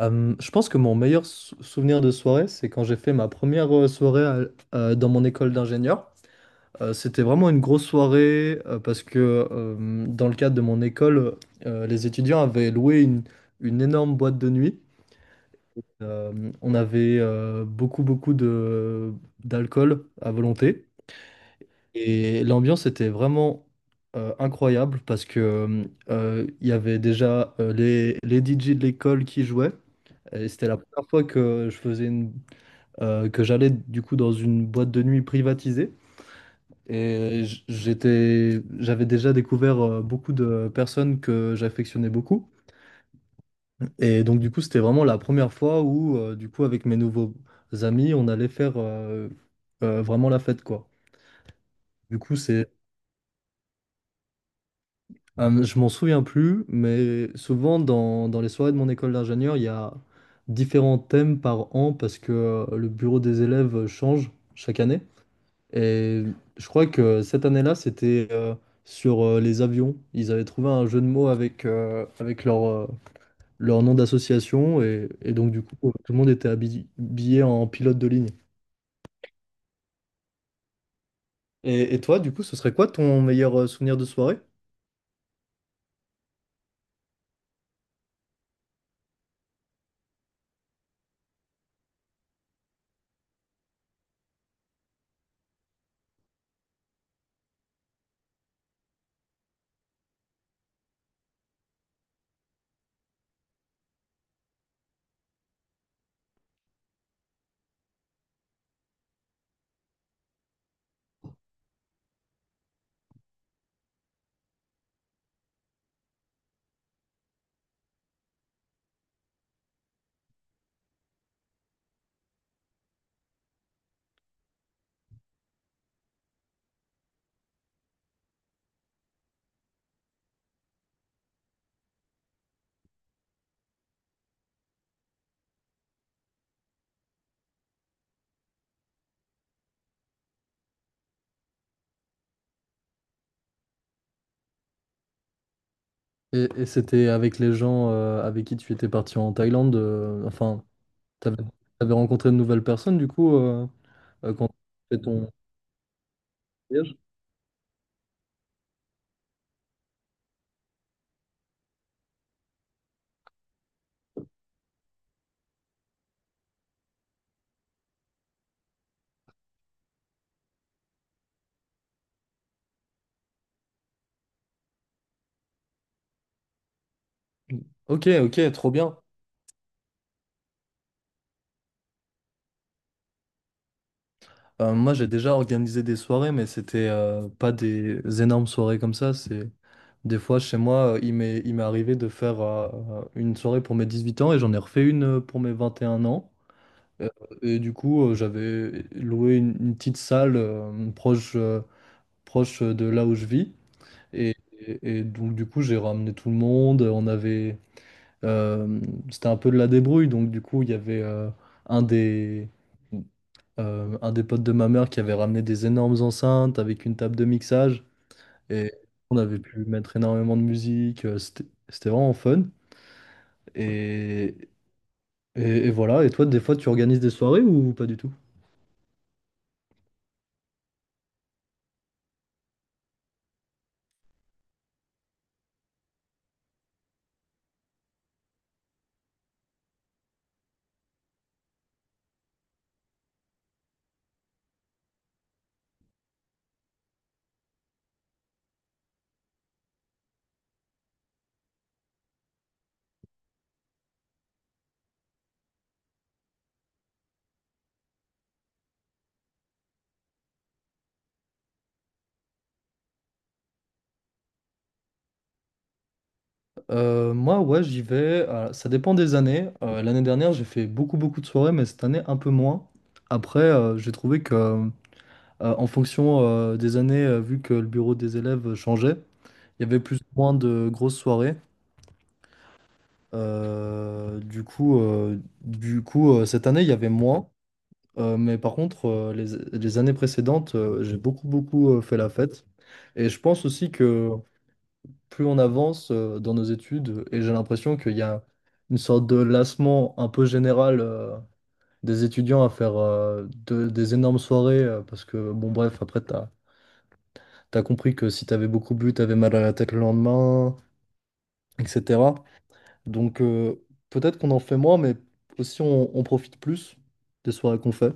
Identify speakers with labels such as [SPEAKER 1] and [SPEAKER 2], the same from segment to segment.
[SPEAKER 1] Je pense que mon meilleur souvenir de soirée, c'est quand j'ai fait ma première soirée dans mon école d'ingénieur. C'était vraiment une grosse soirée parce que dans le cadre de mon école, les étudiants avaient loué une énorme boîte de nuit. On avait beaucoup, beaucoup d'alcool à volonté. Et l'ambiance était vraiment incroyable parce que il y avait déjà les DJ de l'école qui jouaient. Et c'était la première fois que je faisais que j'allais du coup dans une boîte de nuit privatisée. Et j'avais déjà découvert beaucoup de personnes que j'affectionnais beaucoup. Et donc du coup, c'était vraiment la première fois où du coup avec mes nouveaux amis, on allait faire vraiment la fête quoi. Du coup, c'est, je m'en souviens plus, mais souvent dans les soirées de mon école d'ingénieur, il y a différents thèmes par an parce que le bureau des élèves change chaque année. Et je crois que cette année-là, c'était sur les avions. Ils avaient trouvé un jeu de mots avec leur nom d'association. Et donc, du coup, tout le monde était habillé en pilote de ligne. Et toi, du coup, ce serait quoi ton meilleur souvenir de soirée? Et c'était avec les gens avec qui tu étais parti en Thaïlande. Enfin, t'avais, t'avais rencontré de nouvelles personnes, du coup, quand tu fait ton voyage? Ok, ok, trop bien. Moi, j'ai déjà organisé des soirées, mais c'était pas des énormes soirées comme ça. C'est des fois chez moi, il m'est arrivé de faire une soirée pour mes 18 ans et j'en ai refait une pour mes 21 ans. Euh, et du coup, j'avais loué une petite salle proche proche de là où je vis et, et donc du coup, j'ai ramené tout le monde. On avait euh, c'était un peu de la débrouille, donc du coup, il y avait un des un des potes de ma mère qui avait ramené des énormes enceintes avec une table de mixage. Et on avait pu mettre énormément de musique. C'était vraiment fun. Et, et voilà. Et toi, des fois, tu organises des soirées ou pas du tout? Moi, ouais, j'y vais. Ça dépend des années. L'année dernière, j'ai fait beaucoup, beaucoup de soirées, mais cette année, un peu moins. Après, j'ai trouvé que en fonction des années, vu que le bureau des élèves changeait, il y avait plus ou moins de grosses soirées. Cette année, il y avait moins. Mais par contre, les années précédentes, j'ai beaucoup, beaucoup fait la fête. Et je pense aussi que plus on avance dans nos études, et j'ai l'impression qu'il y a une sorte de lassement un peu général des étudiants à faire des énormes soirées. Parce que, bon, bref, après, t'as compris que si t'avais beaucoup bu, t'avais mal à la tête le lendemain, etc. Donc peut-être qu'on en fait moins, mais aussi on profite plus des soirées qu'on fait,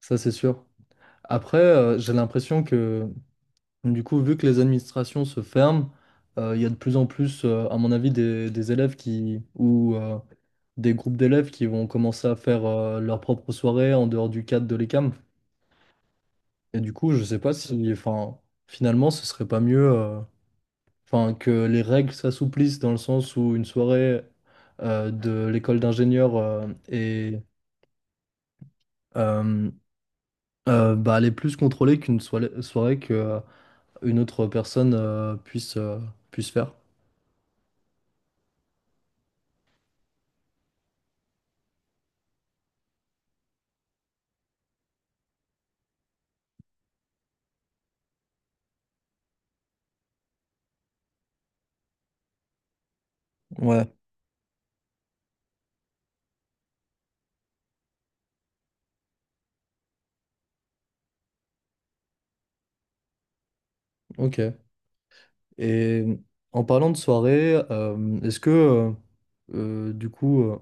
[SPEAKER 1] ça c'est sûr. Après, j'ai l'impression que du coup, vu que les administrations se ferment, il y a de plus en plus, à mon avis, des élèves qui ou des groupes d'élèves qui vont commencer à faire leurs propres soirées en dehors du cadre de l'ECAM. Et du coup, je sais pas si, enfin, finalement, ce serait pas mieux. Enfin, que les règles s'assouplissent dans le sens où une soirée de l'école d'ingénieur euh, bah, elle est plus contrôlée qu'une soirée que une autre personne puisse faire. Ouais, ok. Et en parlant de soirée, est-ce que, euh, du coup, euh,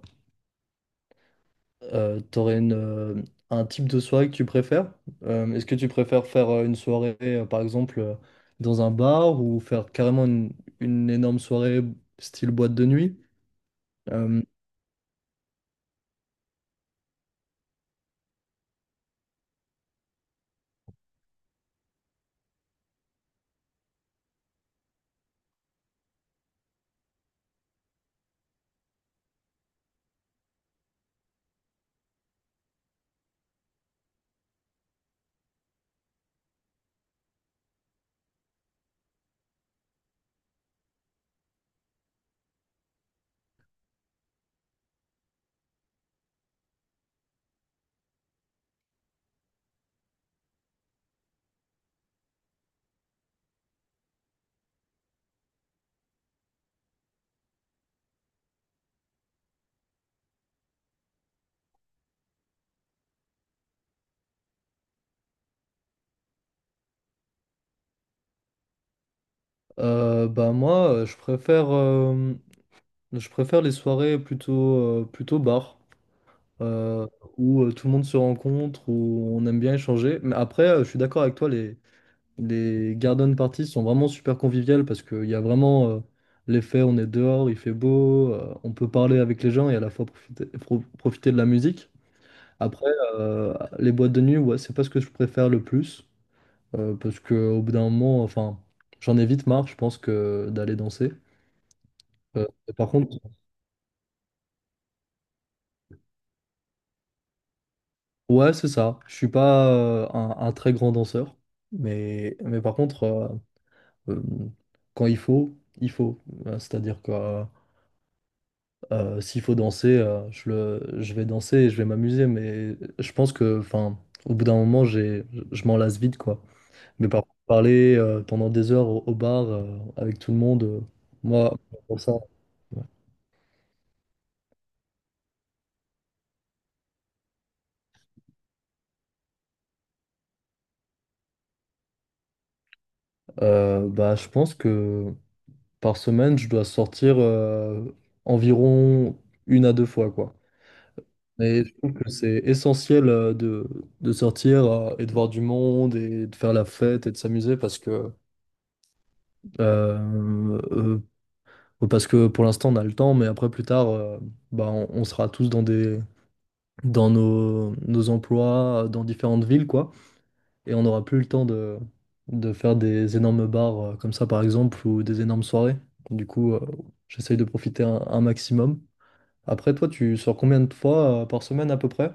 [SPEAKER 1] t'aurais un type de soirée que tu préfères? Est-ce que tu préfères faire une soirée, par exemple, dans un bar ou faire carrément une énorme soirée style boîte de nuit? Euh, euh, bah moi, euh, je préfère, euh, je préfère les soirées plutôt, plutôt bar, euh, où tout le monde se rencontre, où on aime bien échanger. Mais après, je suis d'accord avec toi, les garden parties sont vraiment super conviviales parce qu'il y a vraiment l'effet on est dehors, il fait beau, on peut parler avec les gens et à la fois profiter, profiter de la musique. Après, euh, les boîtes de nuit, ouais, c'est pas ce que je préfère le plus parce qu'au bout d'un moment, enfin, j'en ai vite marre, je pense, que d'aller danser. Et par contre, ouais, c'est ça. Je suis pas un très grand danseur, mais par contre, euh, quand il faut, il faut. C'est-à-dire que s'il faut danser, je vais danser et je vais m'amuser, mais je pense que, enfin, au bout d'un moment, je m'en lasse vite, quoi. Mais par contre, parler pendant des heures au bar avec tout le monde, moi, pour ça, bah, je pense que par semaine, je dois sortir environ 1 à 2 fois, quoi. Mais je trouve que c'est essentiel de sortir et de voir du monde et de faire la fête et de s'amuser euh, euh, Parce que pour l'instant, on a le temps, mais après, plus tard, bah, on sera tous dans nos emplois, dans différentes villes, quoi. Et on n'aura plus le temps de faire des énormes bars comme ça, par exemple, ou des énormes soirées. Du coup, j'essaye de profiter un maximum. Après, toi, tu sors combien de fois par semaine à peu près?